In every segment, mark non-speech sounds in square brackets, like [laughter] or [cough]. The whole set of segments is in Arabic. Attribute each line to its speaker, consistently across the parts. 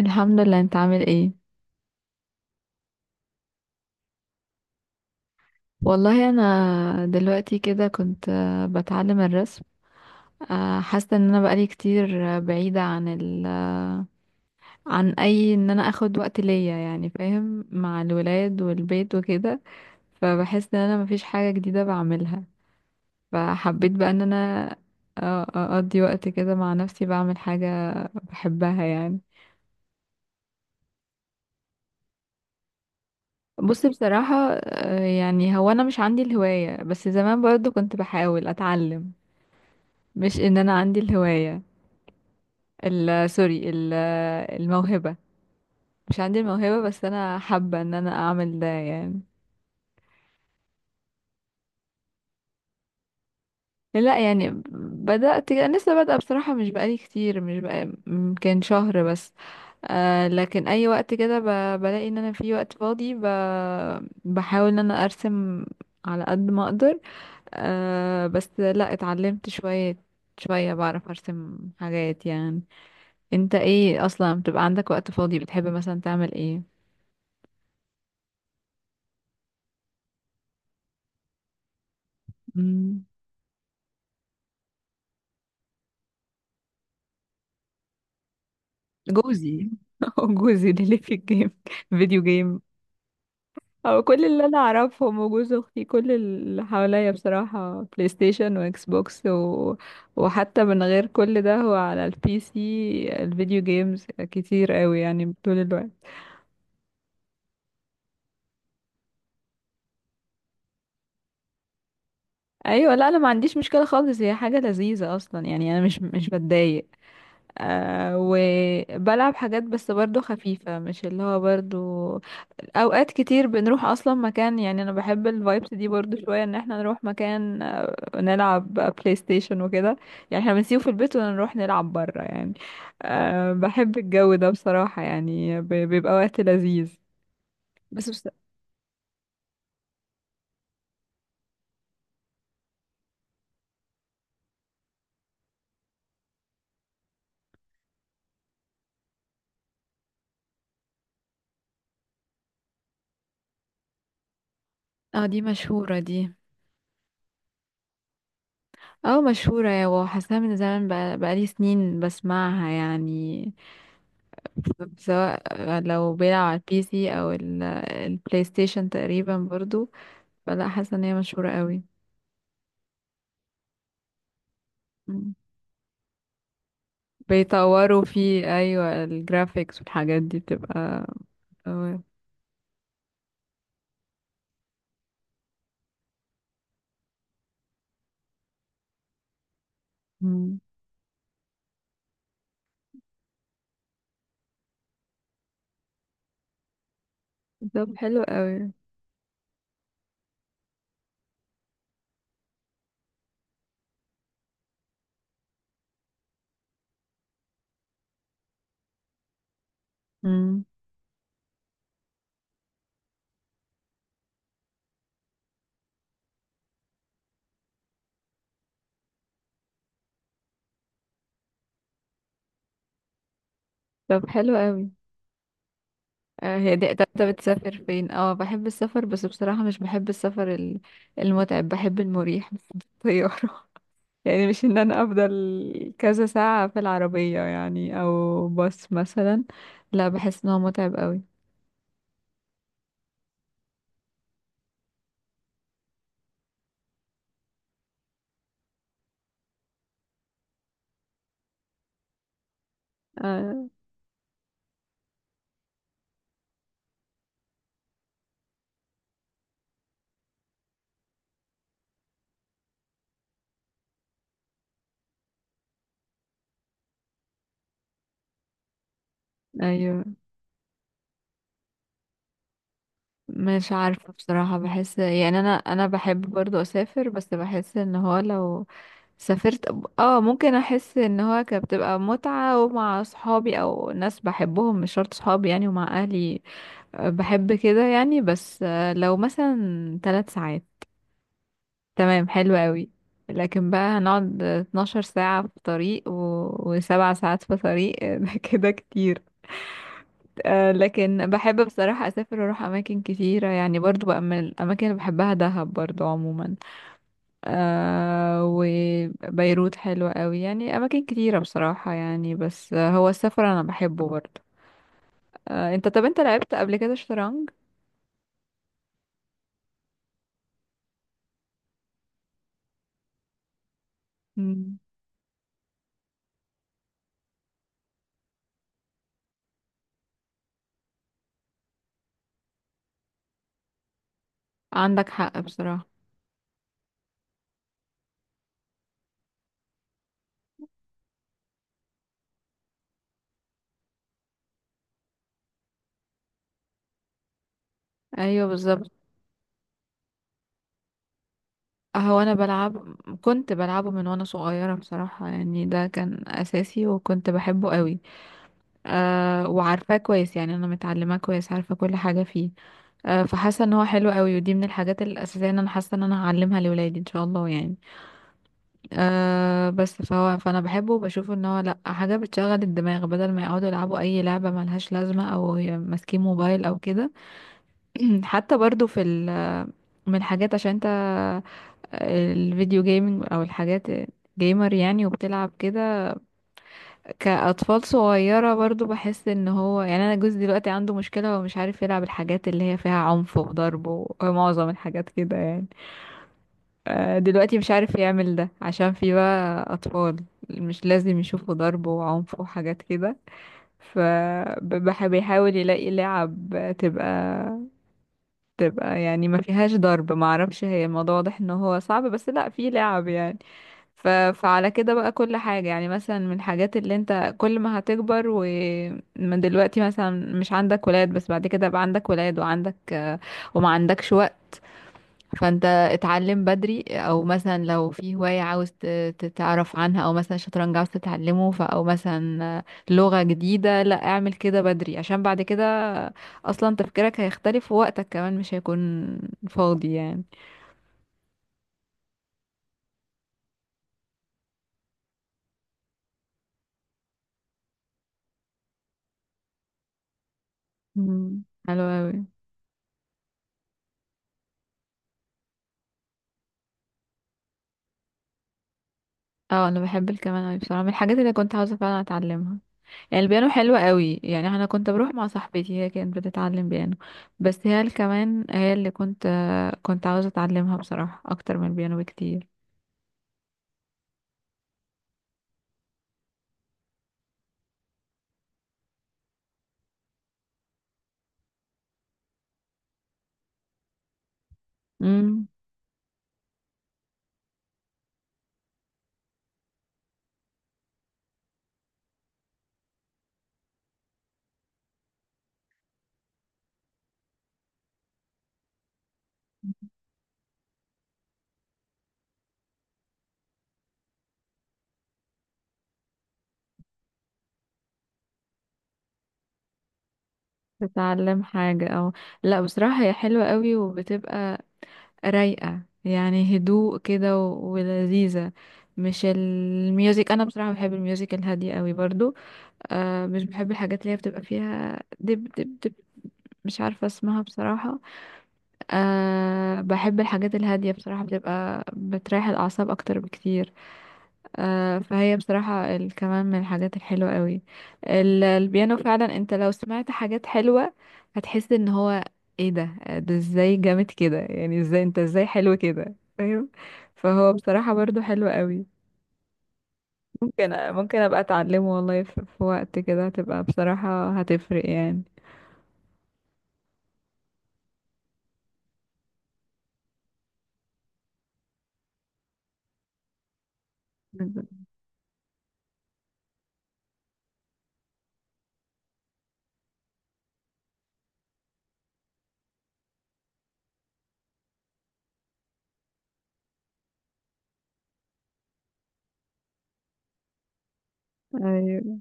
Speaker 1: الحمد لله. انت عامل ايه؟ والله انا دلوقتي كده كنت، بتعلم الرسم، حاسه ان انا بقالي كتير بعيده عن ال آه، عن ان انا اخد وقت ليا، يعني فاهم، مع الولاد والبيت وكده. فبحس ان انا مفيش حاجه جديده بعملها، فحبيت بقى ان انا اقضي وقت كده مع نفسي بعمل حاجه بحبها يعني. بص، بصراحه يعني هو انا مش عندي الهوايه، بس زمان برضو كنت بحاول اتعلم، مش ان انا عندي الهواية، ال سوري ال الموهبة، مش عندي الموهبة بس انا حابة ان انا اعمل ده يعني. لا يعني بدأت انا لسه بادئة بصراحة، مش بقالي كتير، مش بقى يمكن شهر بس، آه لكن اي وقت كده بلاقي ان انا في وقت فاضي بحاول ان انا ارسم على قد ما اقدر. آه بس لا اتعلمت شوية شوية، بعرف ارسم حاجات يعني. انت ايه اصلا بتبقى عندك وقت فاضي، بتحب مثلا تعمل ايه؟ مم. جوزي. [laughs] هو جوزي ده اللي في الجيم، فيديو جيم. هو كل اللي انا اعرفهم وجوز اختي، كل اللي حواليا بصراحة بلاي ستيشن واكس بوكس و... وحتى من غير كل ده هو على البي سي، الفيديو جيمز كتير قوي يعني طول الوقت. ايوه، لا انا ما عنديش مشكلة خالص، هي حاجة لذيذة اصلا يعني، انا مش بتضايق. آه، وبلعب حاجات بس برضو خفيفة، مش اللي هو برضو أوقات كتير بنروح أصلا مكان، يعني أنا بحب الفايبس دي برضو شوية، إن احنا نروح مكان نلعب بلاي ستيشن وكده، يعني احنا بنسيبه في البيت ونروح نلعب برا يعني. أه بحب الجو ده بصراحة، يعني بيبقى وقت لذيذ. بس بس، اه دي مشهورة دي. اه مشهورة، يا وحاساها من زمان بقى، بقالي سنين بسمعها يعني، سواء لو بيلعب على البي سي او البلاي ستيشن تقريبا برضو، فلا، حاسه ان هي مشهوره قوي. مم. بيطوروا فيه، ايوه الجرافيكس والحاجات دي بتبقى أوي. مم. طب حلو قوي. مم. طب حلو قوي. هي دي. طب انت بتسافر فين؟ اه بحب السفر، بس بصراحه مش بحب السفر المتعب، بحب المريح [laughs] بس بالطياره، يعني مش ان انا افضل كذا ساعة في العربية يعني او باص مثلا، لا بحس ان هو متعب قوي. آه، ايوه. مش عارفة بصراحة، بحس يعني، انا بحب برضو اسافر، بس بحس ان هو لو سافرت، اه ممكن احس ان هو كانت بتبقى متعة، ومع صحابي او ناس بحبهم، مش شرط صحابي يعني، ومع اهلي. بحب كده يعني، بس لو مثلا 3 ساعات، تمام حلو قوي. لكن بقى هنقعد 12 ساعة في طريق و... و7 ساعات في طريق [laughs] ده كده كتير. آه لكن بحب بصراحة أسافر وأروح أماكن كتيرة، يعني برضو بقى من الأماكن اللي بحبها دهب برضو عموما. آه، وبيروت حلوة قوي، يعني أماكن كتيرة بصراحة يعني، بس هو السفر أنا بحبه برضو. آه، أنت طب أنت لعبت قبل كده شطرنج؟ مم. عندك حق بصراحة. أيوه بالظبط. هو انا بلعب، كنت بلعبه من وانا صغيره بصراحه يعني، ده كان اساسي وكنت بحبه قوي. أه وعارفاه كويس يعني، انا متعلماه كويس، عارفه كل حاجه فيه. أه فحاسه ان هو حلو قوي، ودي من الحاجات الاساسيه ان انا حاسه ان انا هعلمها لولادي ان شاء الله يعني. أه بس فهو فانا بحبه، وبشوف ان هو لا، حاجه بتشغل الدماغ بدل ما يقعدوا يلعبوا اي لعبه ملهاش لازمه، او ماسكين موبايل او كده. [clears throat] حتى برضو في من الحاجات، عشان انت الفيديو جيمنج او الحاجات، جيمر يعني وبتلعب كده، كأطفال صغيرة برضو. بحس ان هو يعني، انا جوزي دلوقتي عنده مشكلة، ومش عارف يلعب الحاجات اللي هي فيها عنف وضرب، ومعظم الحاجات كده يعني. دلوقتي مش عارف يعمل ده، عشان في بقى أطفال مش لازم يشوفوا ضرب وعنف وحاجات كده. فبيحاول يلاقي لعب تبقى تبقى يعني ما فيهاش ضرب، ما اعرفش، هي الموضوع واضح ان هو صعب، بس لا في لعب يعني. فعلى كده بقى كل حاجة، يعني مثلا من الحاجات، اللي انت كل ما هتكبر، ومن دلوقتي مثلا مش عندك ولاد، بس بعد كده بقى عندك ولاد وعندك وما عندكش وقت، فانت اتعلم بدري، او مثلا لو في هواية عاوز تتعرف عنها، او مثلا شطرنج عاوز تتعلمه، ف او مثلا لغة جديدة، لا، اعمل كده بدري، عشان بعد كده اصلا تفكيرك هيختلف، ووقتك كمان مش هيكون فاضي يعني. مم. حلو أوي. اه انا بحب الكمان اوي بصراحه، من الحاجات اللي كنت عاوزه فعلا اتعلمها. يعني البيانو حلو قوي، يعني انا كنت بروح مع صاحبتي، هي كانت بتتعلم بيانو. بس هي الكمان هي اللي كنت عاوزه اتعلمها بصراحه اكتر من البيانو بكتير. امم، تتعلم حاجه او لا، بصراحه هي حلوه قوي، وبتبقى رايقه يعني، هدوء كده ولذيذه. مش الميوزك، انا بصراحه بحب الميوزك الهاديه قوي برضو. آه مش بحب الحاجات اللي هي بتبقى فيها دب دب دب، مش عارفه اسمها بصراحه. أه بحب الحاجات الهادية بصراحة، بتبقى بتريح الأعصاب أكتر بكتير. أه، فهي بصراحة كمان من الحاجات الحلوة قوي، البيانو فعلا. انت لو سمعت حاجات حلوة هتحس ان هو ايه ده، ازاي جامد كده، يعني ازاي انت ازاي حلو كده، فاهم. فهو بصراحة برضو حلو قوي. ممكن ابقى اتعلمه والله، في وقت كده هتبقى بصراحة هتفرق يعني. بالظبط. ايوه.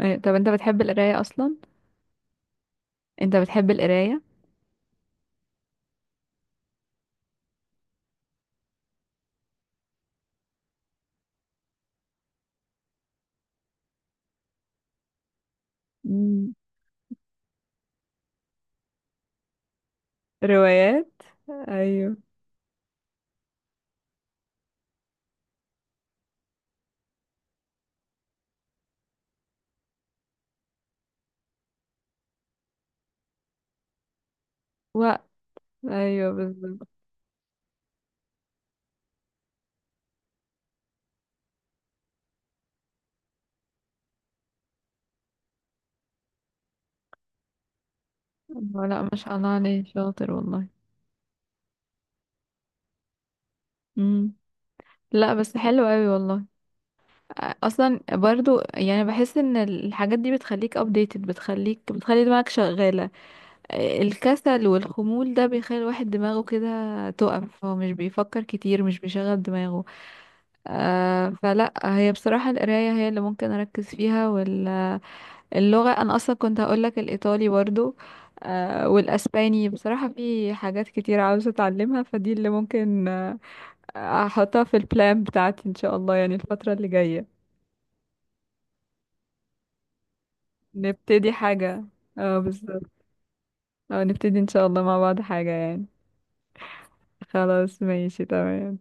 Speaker 1: أيوة. طب انت بتحب القراية اصلا؟ انت بتحب القراية؟ روايات، ايوه. و، ايوه بالظبط. هو لا، ما شاء الله عليه، شاطر والله. امم. لا بس حلو قوي والله. اصلا برضو يعني، بحس ان الحاجات دي بتخليك ابديتد، بتخليك بتخلي دماغك شغالة. الكسل والخمول ده بيخلي الواحد دماغه كده تقف، هو مش بيفكر كتير، مش بيشغل دماغه. آه فلا، هي بصراحة القراية هي اللي ممكن اركز فيها. اللغة، أنا أصلا كنت هقولك الإيطالي برضو، آه، والأسباني بصراحة. في حاجات كتير عاوزة أتعلمها، فدي اللي ممكن آه أحطها في البلان بتاعتي إن شاء الله، يعني الفترة اللي جاية نبتدي حاجة. اه بالظبط. اه نبتدي إن شاء الله مع بعض حاجة يعني. خلاص ماشي تمام.